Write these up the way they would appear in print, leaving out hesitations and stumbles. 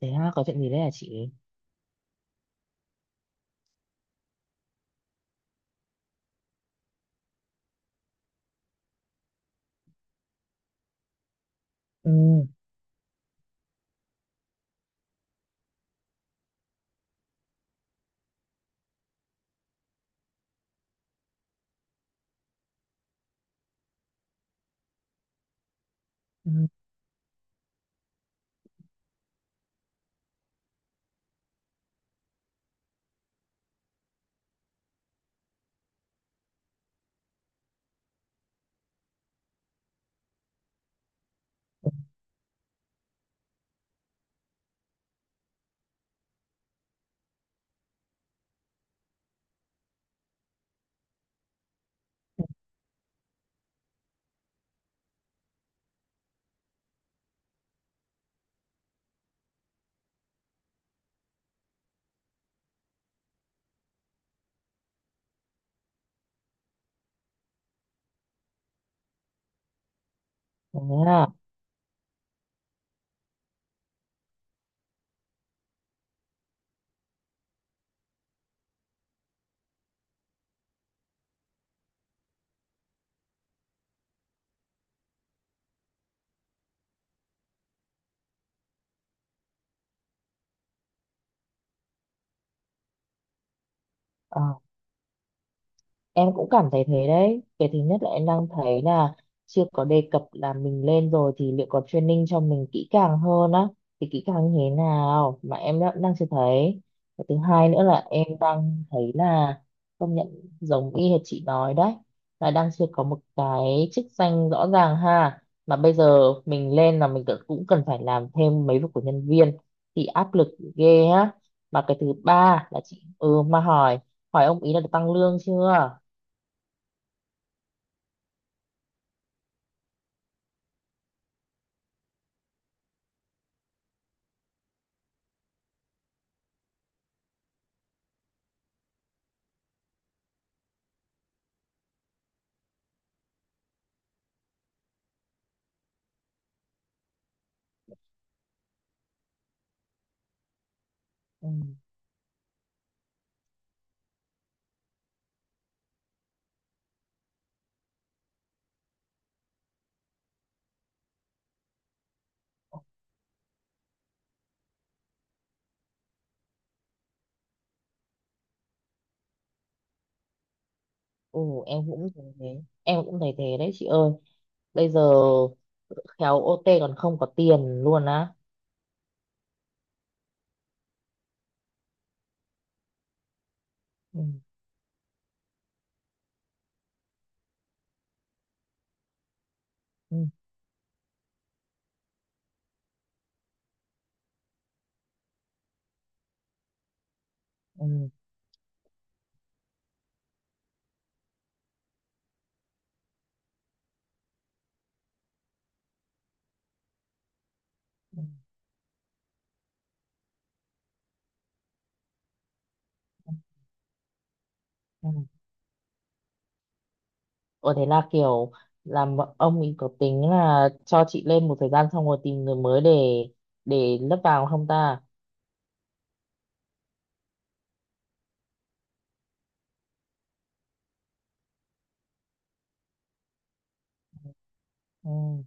Thế ha, có chuyện gì đấy hả chị? Ừ, ừ. Ừ. Thế à, à. Em cũng cảm thấy thế đấy. Cái thứ nhất là em đang thấy là chưa có đề cập là mình lên rồi thì liệu có training cho mình kỹ càng hơn á, thì kỹ càng như thế nào mà em đã, đang chưa thấy. Cái thứ hai nữa là em đang thấy là công nhận giống y hệt chị nói đấy, là đang chưa có một cái chức danh rõ ràng ha. Mà bây giờ mình lên là mình tự- cũng cần phải làm thêm mấy việc của nhân viên thì áp lực ghê á. Mà cái thứ ba là chị ừ mà hỏi hỏi ông ý là được tăng lương chưa? Ừ. Ừ, em cũng thấy thế, em cũng thấy thế đấy chị ơi. Bây giờ khéo OT còn không có tiền luôn á. Ừ. Ừ. Ừ. Ừ. Ừ. Ờ, thế là kiểu làm ông ấy có tính là cho chị lên một thời gian xong rồi tìm người mới để lấp vào không ta. Ừ.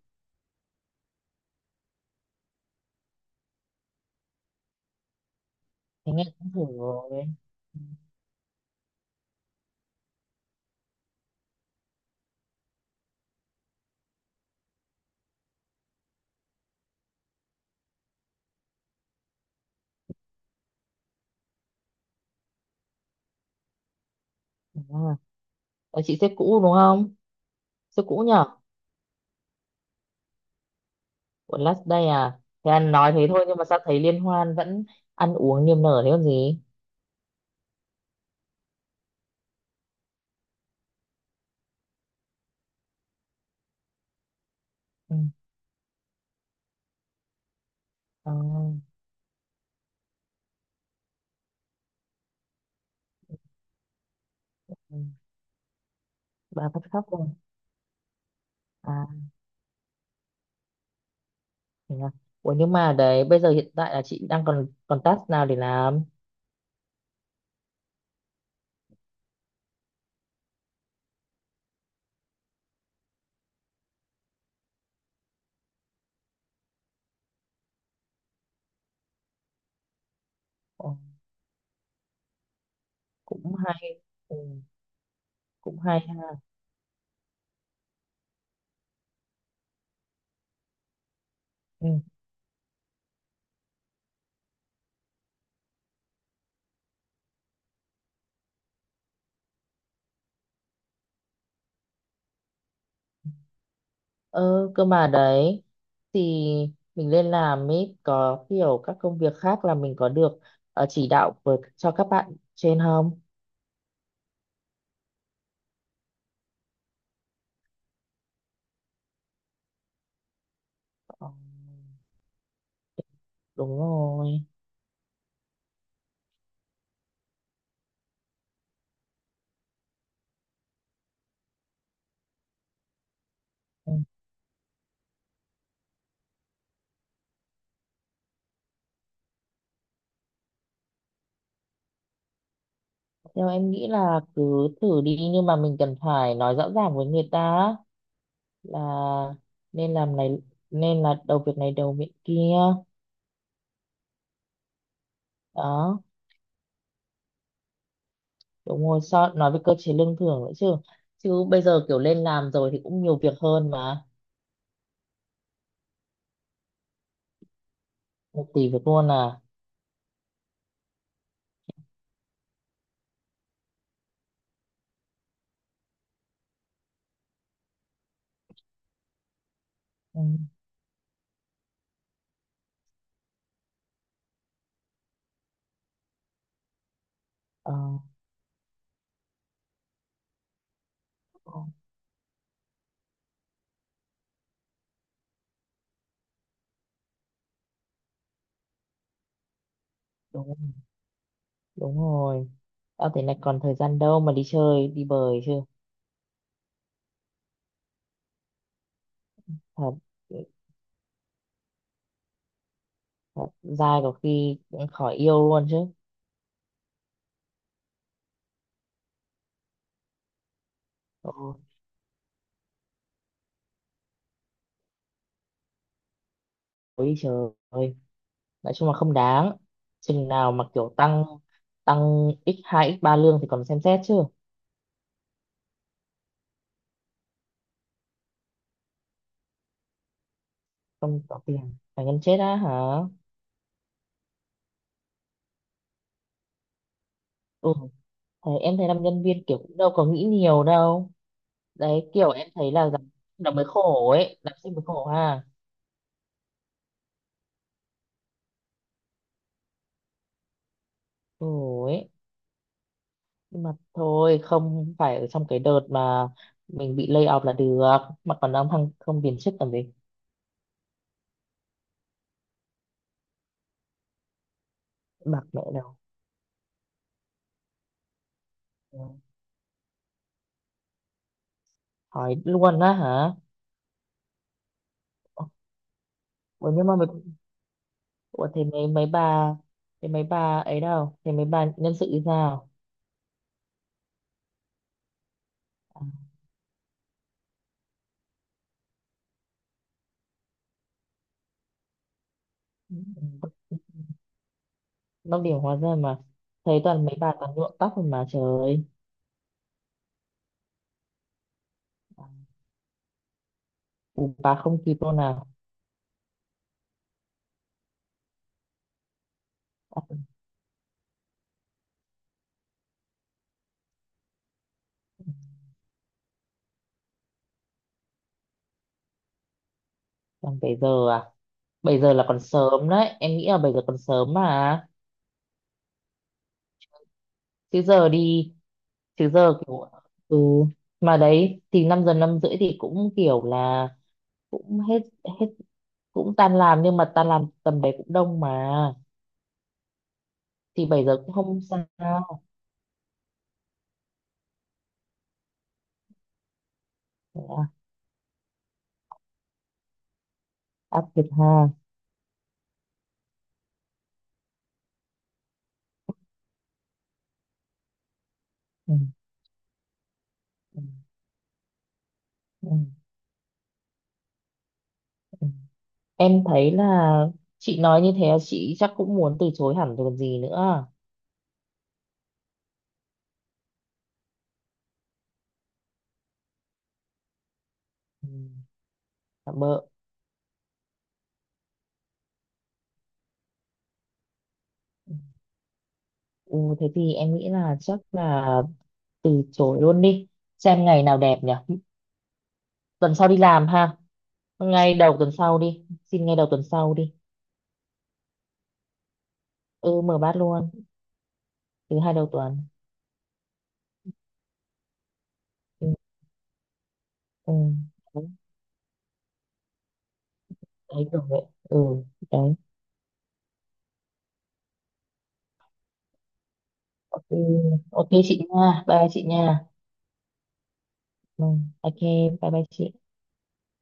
Thế nghe cũng thử rồi. Ừ. Đúng rồi. Ờ, chị sếp cũ đúng không? Sếp cũ nhở, của last day à? Thế anh nói thế thôi nhưng mà sao thấy liên hoan vẫn ăn uống niềm nở thế còn gì. Ừ. Ờ, ừ, bà phát khóc rồi. À, thế à? Ủa nhưng mà đấy bây giờ hiện tại là chị đang còn còn task nào để làm? Ồ, cũng hay. Ừ, cũng hay ha. Ừ. Ờ cơ mà đấy thì mình lên làm ấy có kiểu các công việc khác là mình có được, ờ, chỉ đạo với cho các bạn trên không? Ờ, đúng rồi. Ừ. Theo em nghĩ là cứ thử đi nhưng mà mình cần phải nói rõ ràng với người ta là nên làm này, nên là đầu việc này đầu việc kia. Đó, đúng rồi, sao nói về cơ chế lương thưởng nữa chứ. Chứ bây giờ kiểu lên làm rồi thì cũng nhiều việc hơn mà. Một tỷ việc luôn à? Ừ. Ờ, đúng rồi, đúng rồi. Tao thế này còn thời gian đâu mà đi chơi đi bời chứ. Thật thật dai có khi cũng khỏi yêu luôn chứ. Ôi, ôi trời ơi, nói chung là không đáng. Chừng nào mà kiểu tăng tăng x hai x ba lương thì còn xem xét chứ. Không có tiền phải gần chết á hả. Ừ. Thế em thấy làm nhân viên kiểu cũng đâu có nghĩ nhiều đâu. Đấy, kiểu em thấy là làm nó mới khổ ấy, làm sinh mới khổ ha. Khổ ấy. Nhưng mà thôi không phải ở trong cái đợt mà mình bị lay off là được. Mà còn đang thăng không tiền chức làm gì. Bạc mẹ đâu. Ừ. Hỏi luôn á hả? Ủa nhưng mà mấy, ủa thế mấy mấy bà thế mấy bà ấy đâu, thế mấy bà nhân sự thì sao? À, ừ, Long điểm hóa ra mà. Thấy toàn mấy bà toàn nhuộm tóc rồi mà trời ơi. Bù bà không kịp luôn nào. Còn bảy giờ à? Bảy giờ là còn sớm đấy, em nghĩ là 7 giờ còn sớm mà. Chứ giờ đi. Chứ giờ kiểu. Ừ. Mà đấy thì 5 giờ 5 rưỡi thì cũng kiểu là cũng hết, hết, cũng tan làm. Nhưng mà tan làm tầm đấy cũng đông mà. Thì 7 giờ cũng không sao. Thế à, áp lực ha. Ừ. Ừ. Ừ. Ừ. Em thấy là chị nói như thế là chị chắc cũng muốn từ chối hẳn rồi còn gì nữa. Ừ, tạm bỡ. Ừ, thế thì em nghĩ là chắc là từ chối luôn đi. Xem ngày nào đẹp nhỉ, tuần sau đi làm ha. Ngay đầu tuần sau đi, xin ngay đầu tuần sau đi. Ừ mở bát luôn. Thứ hai đầu tuần. Ừ, ừ. Đấy. Đấy, kiểu vậy. Ừ. Đấy. Ok. Ok chị nha, bye chị nha. Ừ, ok, bye bye chị.